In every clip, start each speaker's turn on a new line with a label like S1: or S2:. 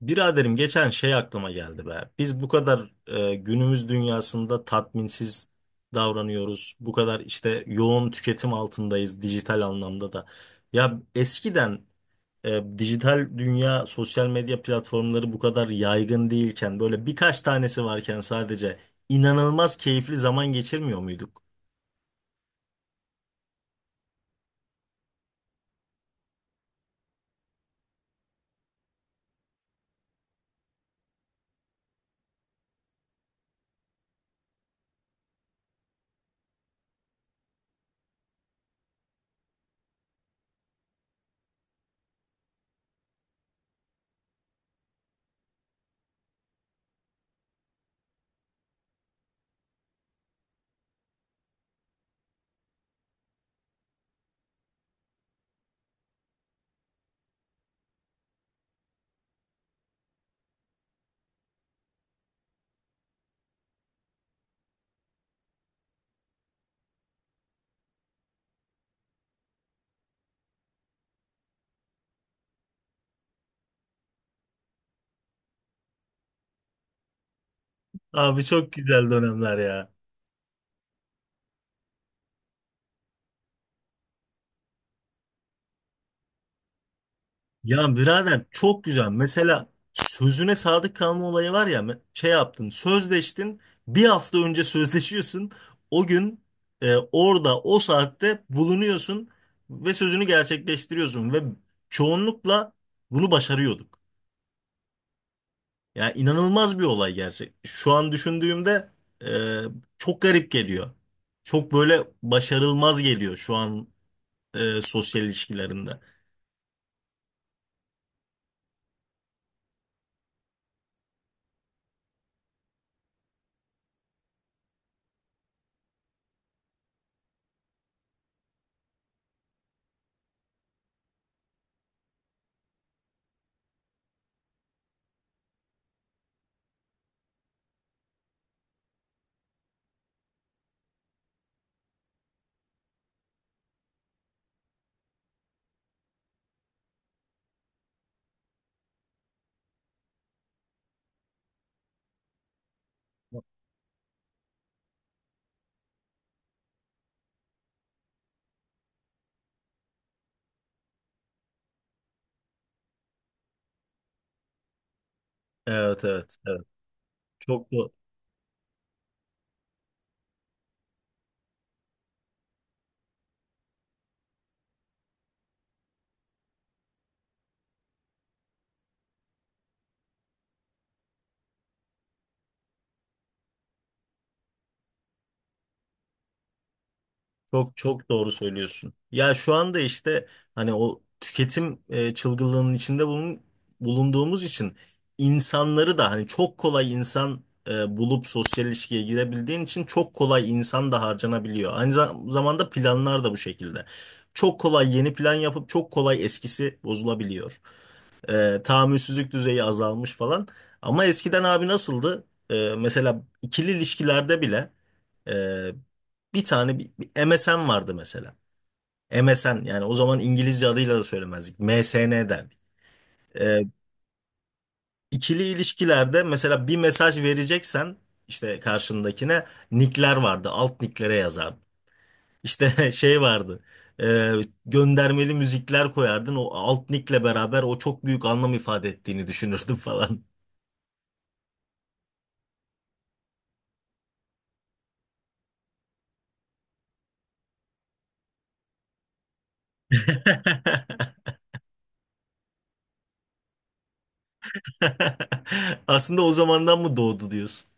S1: Biraderim geçen şey aklıma geldi be. Biz bu kadar günümüz dünyasında tatminsiz davranıyoruz. Bu kadar işte yoğun tüketim altındayız dijital anlamda da. Ya eskiden dijital dünya, sosyal medya platformları bu kadar yaygın değilken, böyle birkaç tanesi varken sadece inanılmaz keyifli zaman geçirmiyor muyduk? Abi çok güzel dönemler ya. Ya birader çok güzel. Mesela sözüne sadık kalma olayı var ya me- şey yaptın, sözleştin, bir hafta önce sözleşiyorsun, o gün orada o saatte bulunuyorsun ve sözünü gerçekleştiriyorsun ve çoğunlukla bunu başarıyorduk. Yani inanılmaz bir olay gerçek. Şu an düşündüğümde e, çok garip geliyor. Çok böyle başarılmaz geliyor şu an sosyal ilişkilerinde. Evet, evet, evet. Çok doğru. Çok çok doğru söylüyorsun. Ya şu anda işte hani o tüketim çılgınlığının içinde bulunduğumuz için insanları da hani çok kolay insan bulup sosyal ilişkiye girebildiğin için çok kolay insan da harcanabiliyor. Aynı zamanda planlar da bu şekilde. Çok kolay yeni plan yapıp çok kolay eskisi bozulabiliyor. Tahammülsüzlük düzeyi azalmış falan. Ama eskiden abi nasıldı? Mesela ikili ilişkilerde bile e, bir tane bir MSN vardı mesela. MSN, yani o zaman İngilizce adıyla da söylemezdik. MSN derdik. Ee, ikili ilişkilerde mesela bir mesaj vereceksen işte karşındakine nickler vardı. Alt nicklere yazardın. İşte şey vardı. e, Göndermeli müzikler koyardın. O alt nickle beraber o çok büyük anlam ifade ettiğini düşünürdün falan. Aslında o zamandan mı doğdu diyorsun?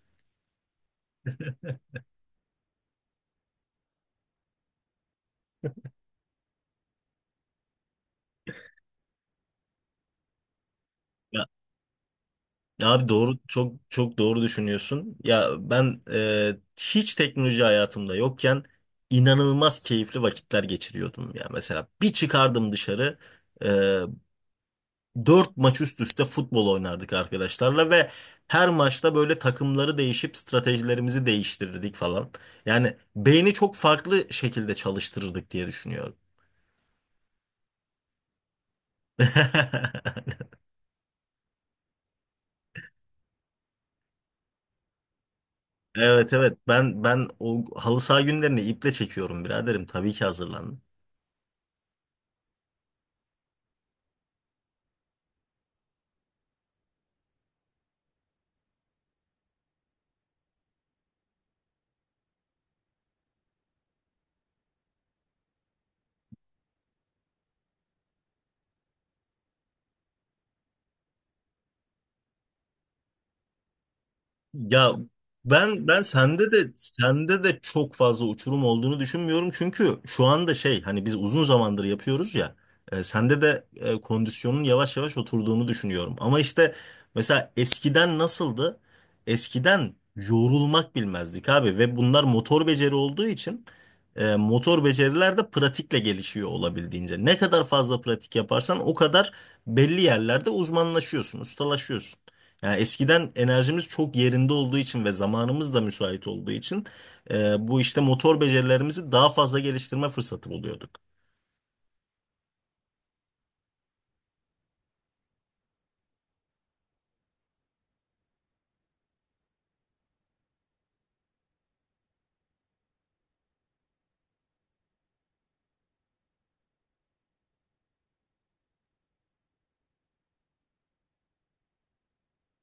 S1: Ya, ya abi doğru, çok çok doğru düşünüyorsun. Ya ben hiç teknoloji hayatımda yokken inanılmaz keyifli vakitler geçiriyordum. Ya mesela bir çıkardım dışarı, e, dört maç üst üste futbol oynardık arkadaşlarla ve her maçta böyle takımları değişip stratejilerimizi değiştirirdik falan. Yani beyni çok farklı şekilde çalıştırırdık diye düşünüyorum. Evet, evet, ben o halı saha günlerini iple çekiyorum biraderim, tabii ki hazırlan. Ya, ben sende de çok fazla uçurum olduğunu düşünmüyorum. Çünkü şu anda şey, hani biz uzun zamandır yapıyoruz ya. Sende de kondisyonun yavaş yavaş oturduğunu düşünüyorum. Ama işte mesela eskiden nasıldı? Eskiden yorulmak bilmezdik abi ve bunlar motor beceri olduğu için motor beceriler de pratikle gelişiyor olabildiğince. Ne kadar fazla pratik yaparsan o kadar belli yerlerde uzmanlaşıyorsun, ustalaşıyorsun. Yani eskiden enerjimiz çok yerinde olduğu için ve zamanımız da müsait olduğu için bu işte motor becerilerimizi daha fazla geliştirme fırsatı buluyorduk.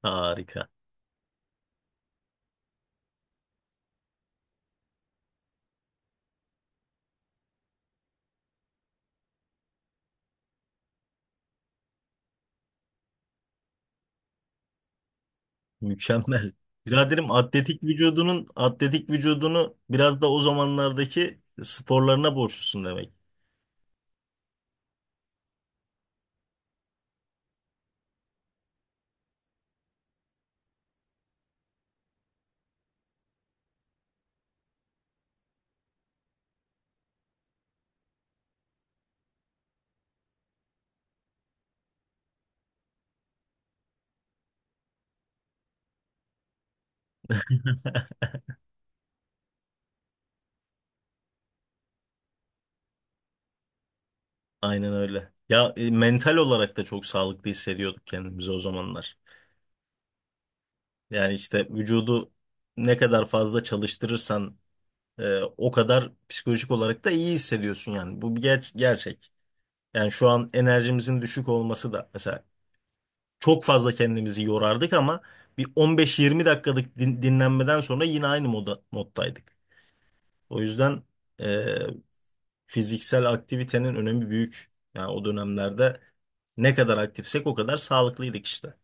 S1: Harika. Mükemmel. Biraderim atletik vücudunu biraz da o zamanlardaki sporlarına borçlusun demek. Aynen öyle. Ya, mental olarak da çok sağlıklı hissediyorduk kendimizi o zamanlar. Yani işte vücudu ne kadar fazla çalıştırırsan o kadar psikolojik olarak da iyi hissediyorsun yani. Bu bir gerçek. Yani şu an enerjimizin düşük olması da mesela, çok fazla kendimizi yorardık ama bir 15-20 dakikalık dinlenmeden sonra yine aynı moddaydık. O yüzden e, fiziksel aktivitenin önemi büyük. Yani o dönemlerde ne kadar aktifsek o kadar sağlıklıydık işte.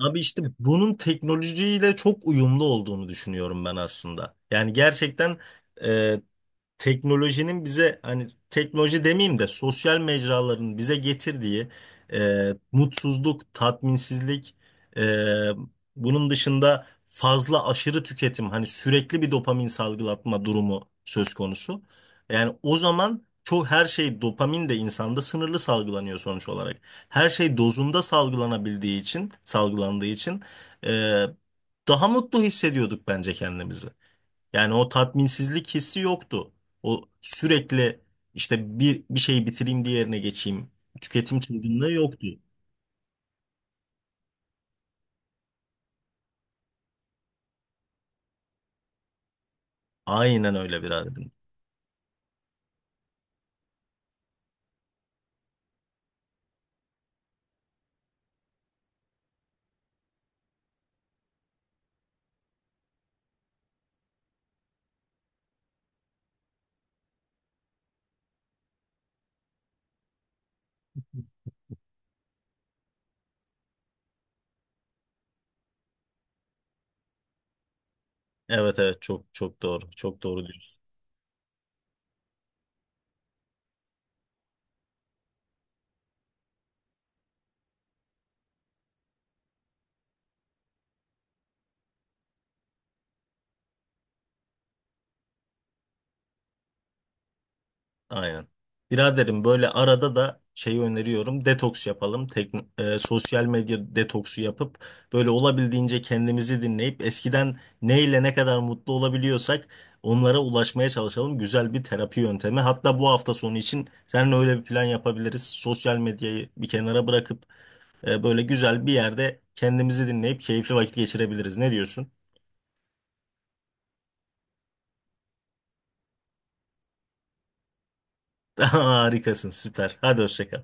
S1: Abi işte bunun teknolojiyle çok uyumlu olduğunu düşünüyorum ben aslında. Yani gerçekten teknolojinin bize, hani teknoloji demeyeyim de sosyal mecraların bize getirdiği mutsuzluk, tatminsizlik, e, bunun dışında fazla aşırı tüketim, hani sürekli bir dopamin salgılatma durumu söz konusu. Yani o zaman çok her şey, dopamin de insanda sınırlı salgılanıyor sonuç olarak. Her şey dozunda salgılandığı için e, daha mutlu hissediyorduk bence kendimizi. Yani o tatminsizlik hissi yoktu. O sürekli işte bir şeyi bitireyim, diğerine geçeyim. Tüketim çılgınlığı yoktu. Aynen öyle biraderim. Evet, evet, çok çok doğru. Çok doğru diyorsun. Aynen. Biraderim böyle arada da şeyi öneriyorum. Detoks yapalım. Tek, sosyal medya detoksu yapıp böyle olabildiğince kendimizi dinleyip eskiden neyle ne kadar mutlu olabiliyorsak onlara ulaşmaya çalışalım. Güzel bir terapi yöntemi. Hatta bu hafta sonu için seninle öyle bir plan yapabiliriz. Sosyal medyayı bir kenara bırakıp böyle güzel bir yerde kendimizi dinleyip keyifli vakit geçirebiliriz. Ne diyorsun? Harikasın, süper. Hadi hoşça kal.